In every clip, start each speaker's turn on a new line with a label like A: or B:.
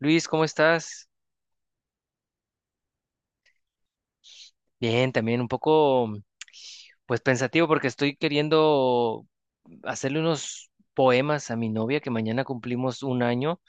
A: Luis, ¿cómo estás? Bien, también un poco, pues pensativo porque estoy queriendo hacerle unos poemas a mi novia que mañana cumplimos 1 año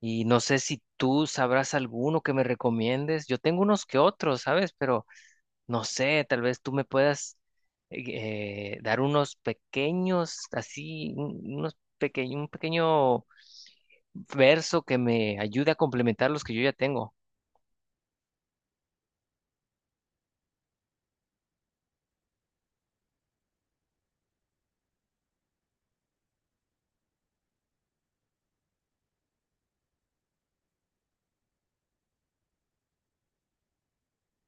A: y no sé si tú sabrás alguno que me recomiendes. Yo tengo unos que otros, ¿sabes? Pero no sé, tal vez tú me puedas dar unos pequeños, así, unos pequeño, un pequeño verso que me ayude a complementar los que yo ya tengo.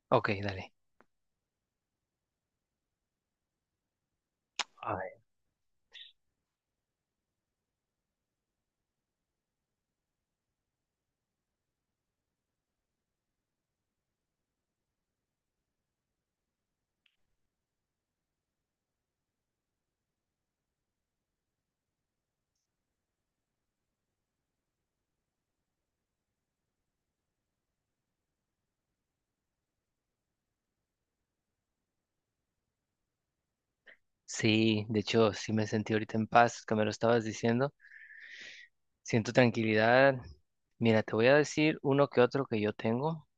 A: Ok, dale. Sí, de hecho, sí me sentí ahorita en paz, que me lo estabas diciendo. Siento tranquilidad. Mira, te voy a decir uno que otro que yo tengo.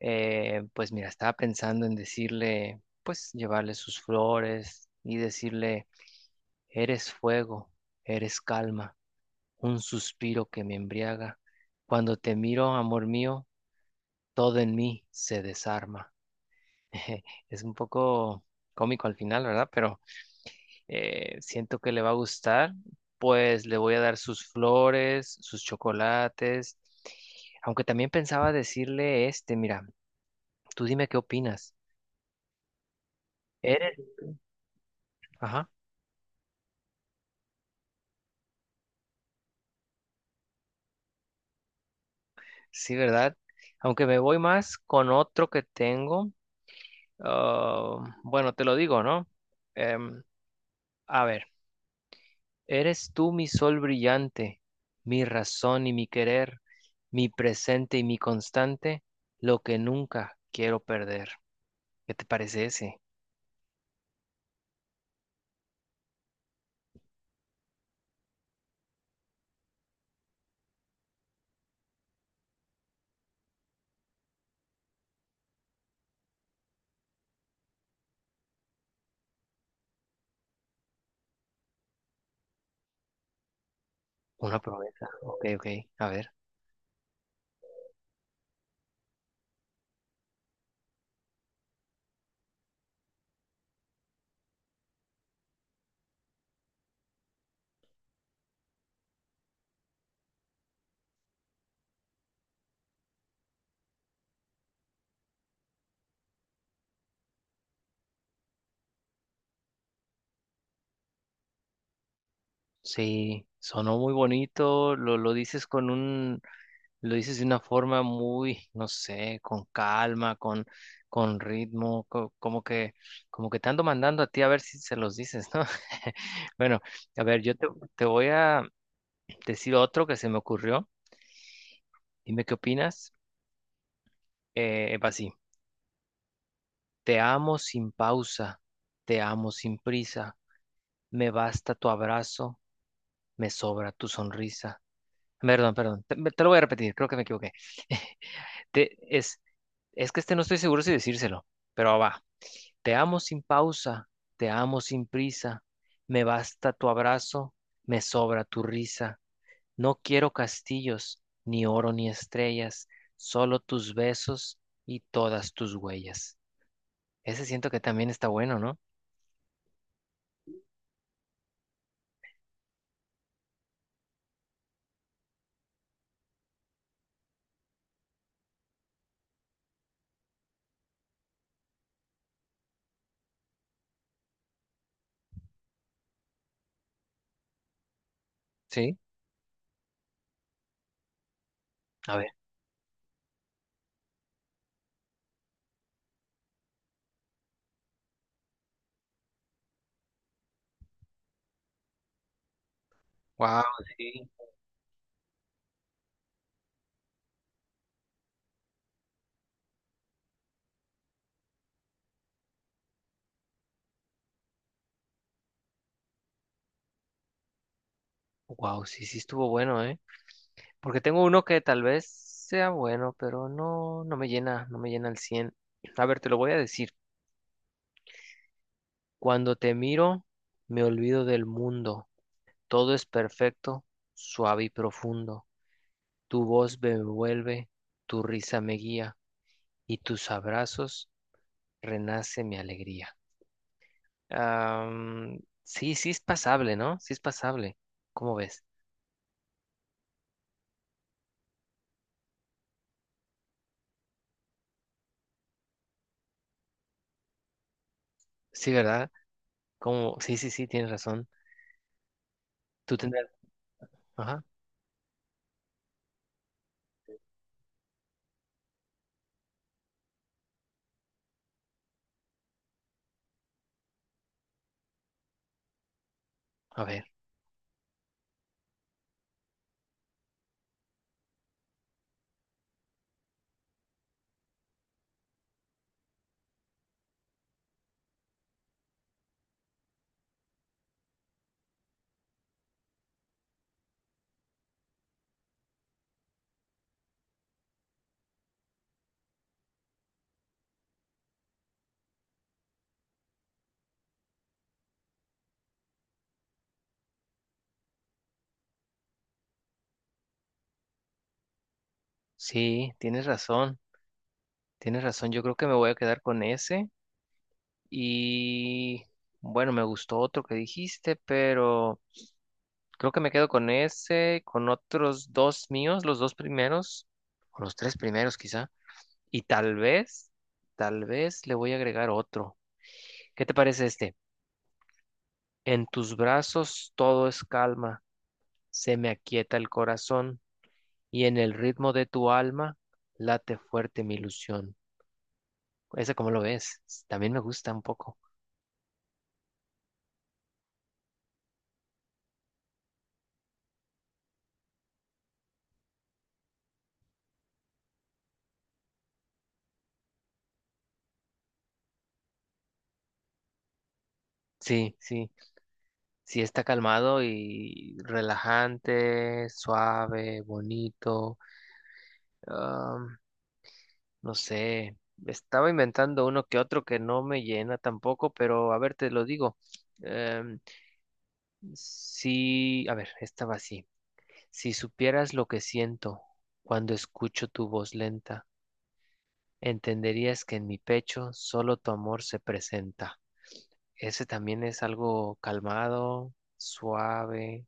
A: Pues mira, estaba pensando en decirle, pues llevarle sus flores y decirle, eres fuego, eres calma, un suspiro que me embriaga. Cuando te miro, amor mío, todo en mí se desarma. Es un poco cómico al final, ¿verdad? Pero siento que le va a gustar, pues le voy a dar sus flores, sus chocolates, aunque también pensaba decirle este, mira, tú dime qué opinas. ¿Eres? Ajá, sí, ¿verdad? Aunque me voy más con otro que tengo, ah, bueno, te lo digo, ¿no? Em, a ver, eres tú mi sol brillante, mi razón y mi querer, mi presente y mi constante, lo que nunca quiero perder. ¿Qué te parece ese? Una promesa. Ok, ok. A ver. Sí, sonó muy bonito. Lo dices con un, lo dices de una forma muy, no sé, con calma, con ritmo, como que te ando mandando a ti a ver si se los dices, ¿no? Bueno, a ver, te voy a decir otro que se me ocurrió. Dime qué opinas. Va así. Te amo sin pausa, te amo sin prisa. Me basta tu abrazo, me sobra tu sonrisa. Perdón, perdón. Te lo voy a repetir, creo que me equivoqué. Te- es, es que este no estoy seguro si decírselo, pero va. Te amo sin pausa, te amo sin prisa. Me basta tu abrazo, me sobra tu risa. No quiero castillos, ni oro ni estrellas, solo tus besos y todas tus huellas. Ese siento que también está bueno, ¿no? Sí. A ver. Wow, sí. Wow, sí, sí estuvo bueno, ¿eh? Porque tengo uno que tal vez sea bueno, pero no, no me llena, no me llena al 100. A ver, te lo voy a decir. Cuando te miro, me olvido del mundo. Todo es perfecto, suave y profundo. Tu voz me envuelve, tu risa me guía y tus abrazos renace mi alegría. Am, sí, sí es pasable, ¿no? Sí es pasable. ¿Cómo ves? Sí, ¿verdad? Como, sí, sí, sí, tienes razón. Tú tendrás... Ajá, a ver. Sí, tienes razón. Tienes razón, yo creo que me voy a quedar con ese. Y bueno, me gustó otro que dijiste, pero creo que me quedo con ese, con otros dos míos, los dos primeros, o los tres primeros quizá. Y tal vez le voy a agregar otro. ¿Qué te parece este? En tus brazos todo es calma, se me aquieta el corazón y en el ritmo de tu alma late fuerte mi ilusión. ¿Ese cómo lo ves? También me gusta un poco. Sí, sí. Sí está calmado y relajante, suave, bonito. am, no sé, estaba inventando uno que otro que no me llena tampoco, pero a ver, te lo digo. Em, si, a ver, estaba así. Si supieras lo que siento cuando escucho tu voz lenta, entenderías que en mi pecho solo tu amor se presenta. Ese también es algo calmado, suave.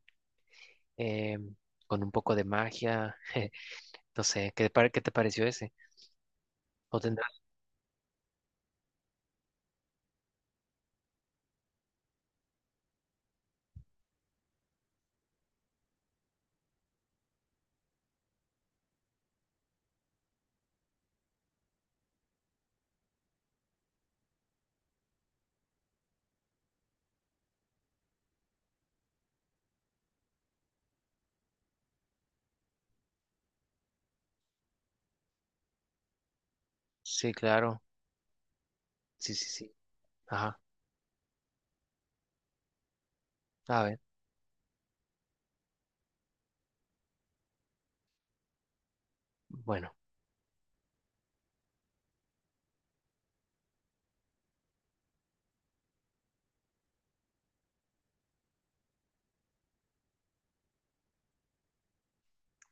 A: eh, con un poco de magia. No sé, ¿ qué te pareció ese? ¿O tendrá? Sí, claro. Sí, sí, sí. Ajá. A ver. Bueno.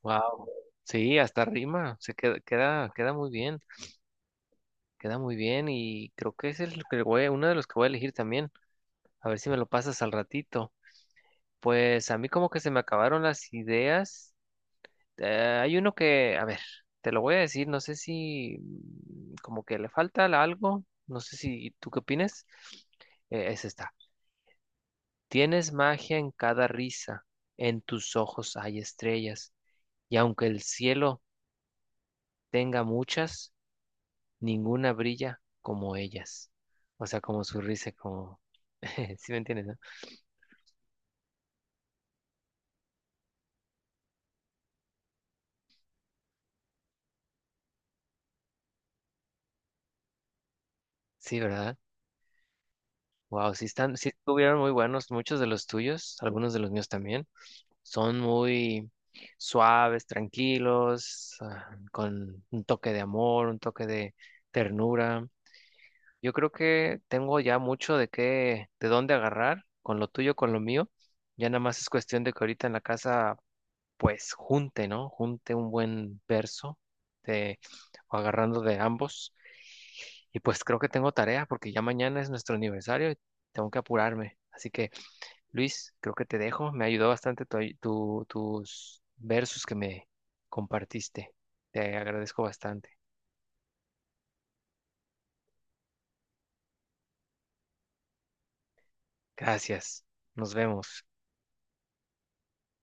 A: Wow. Sí, hasta rima. Se queda, queda, queda muy bien. Queda muy bien. Y creo que ese es el que voy, uno de los que voy a elegir también. A ver si me lo pasas al ratito. Pues a mí como que se me acabaron las ideas. Hay uno que, a ver, te lo voy a decir, no sé si como que le falta algo, no sé si tú qué opinas. Es esta. Tienes magia en cada risa, en tus ojos hay estrellas, y aunque el cielo tenga muchas, ninguna brilla como ellas. O sea, como su risa, como... ¿Sí me entiendes, no? Sí, ¿verdad? Wow, sí están, sí estuvieron muy buenos, muchos de los tuyos, algunos de los míos también. Son muy suaves, tranquilos, ah, con un toque de amor, un toque de ternura. Yo creo que tengo ya mucho de qué, de dónde agarrar con lo tuyo, con lo mío. Ya nada más es cuestión de que ahorita en la casa, pues junte, ¿no? Junte un buen verso de, o agarrando de ambos. Y pues creo que tengo tarea porque ya mañana es nuestro aniversario y tengo que apurarme. Así que Luis, creo que te dejo. Me ayudó bastante tus versos que me compartiste. Te agradezco bastante. Gracias. Nos vemos.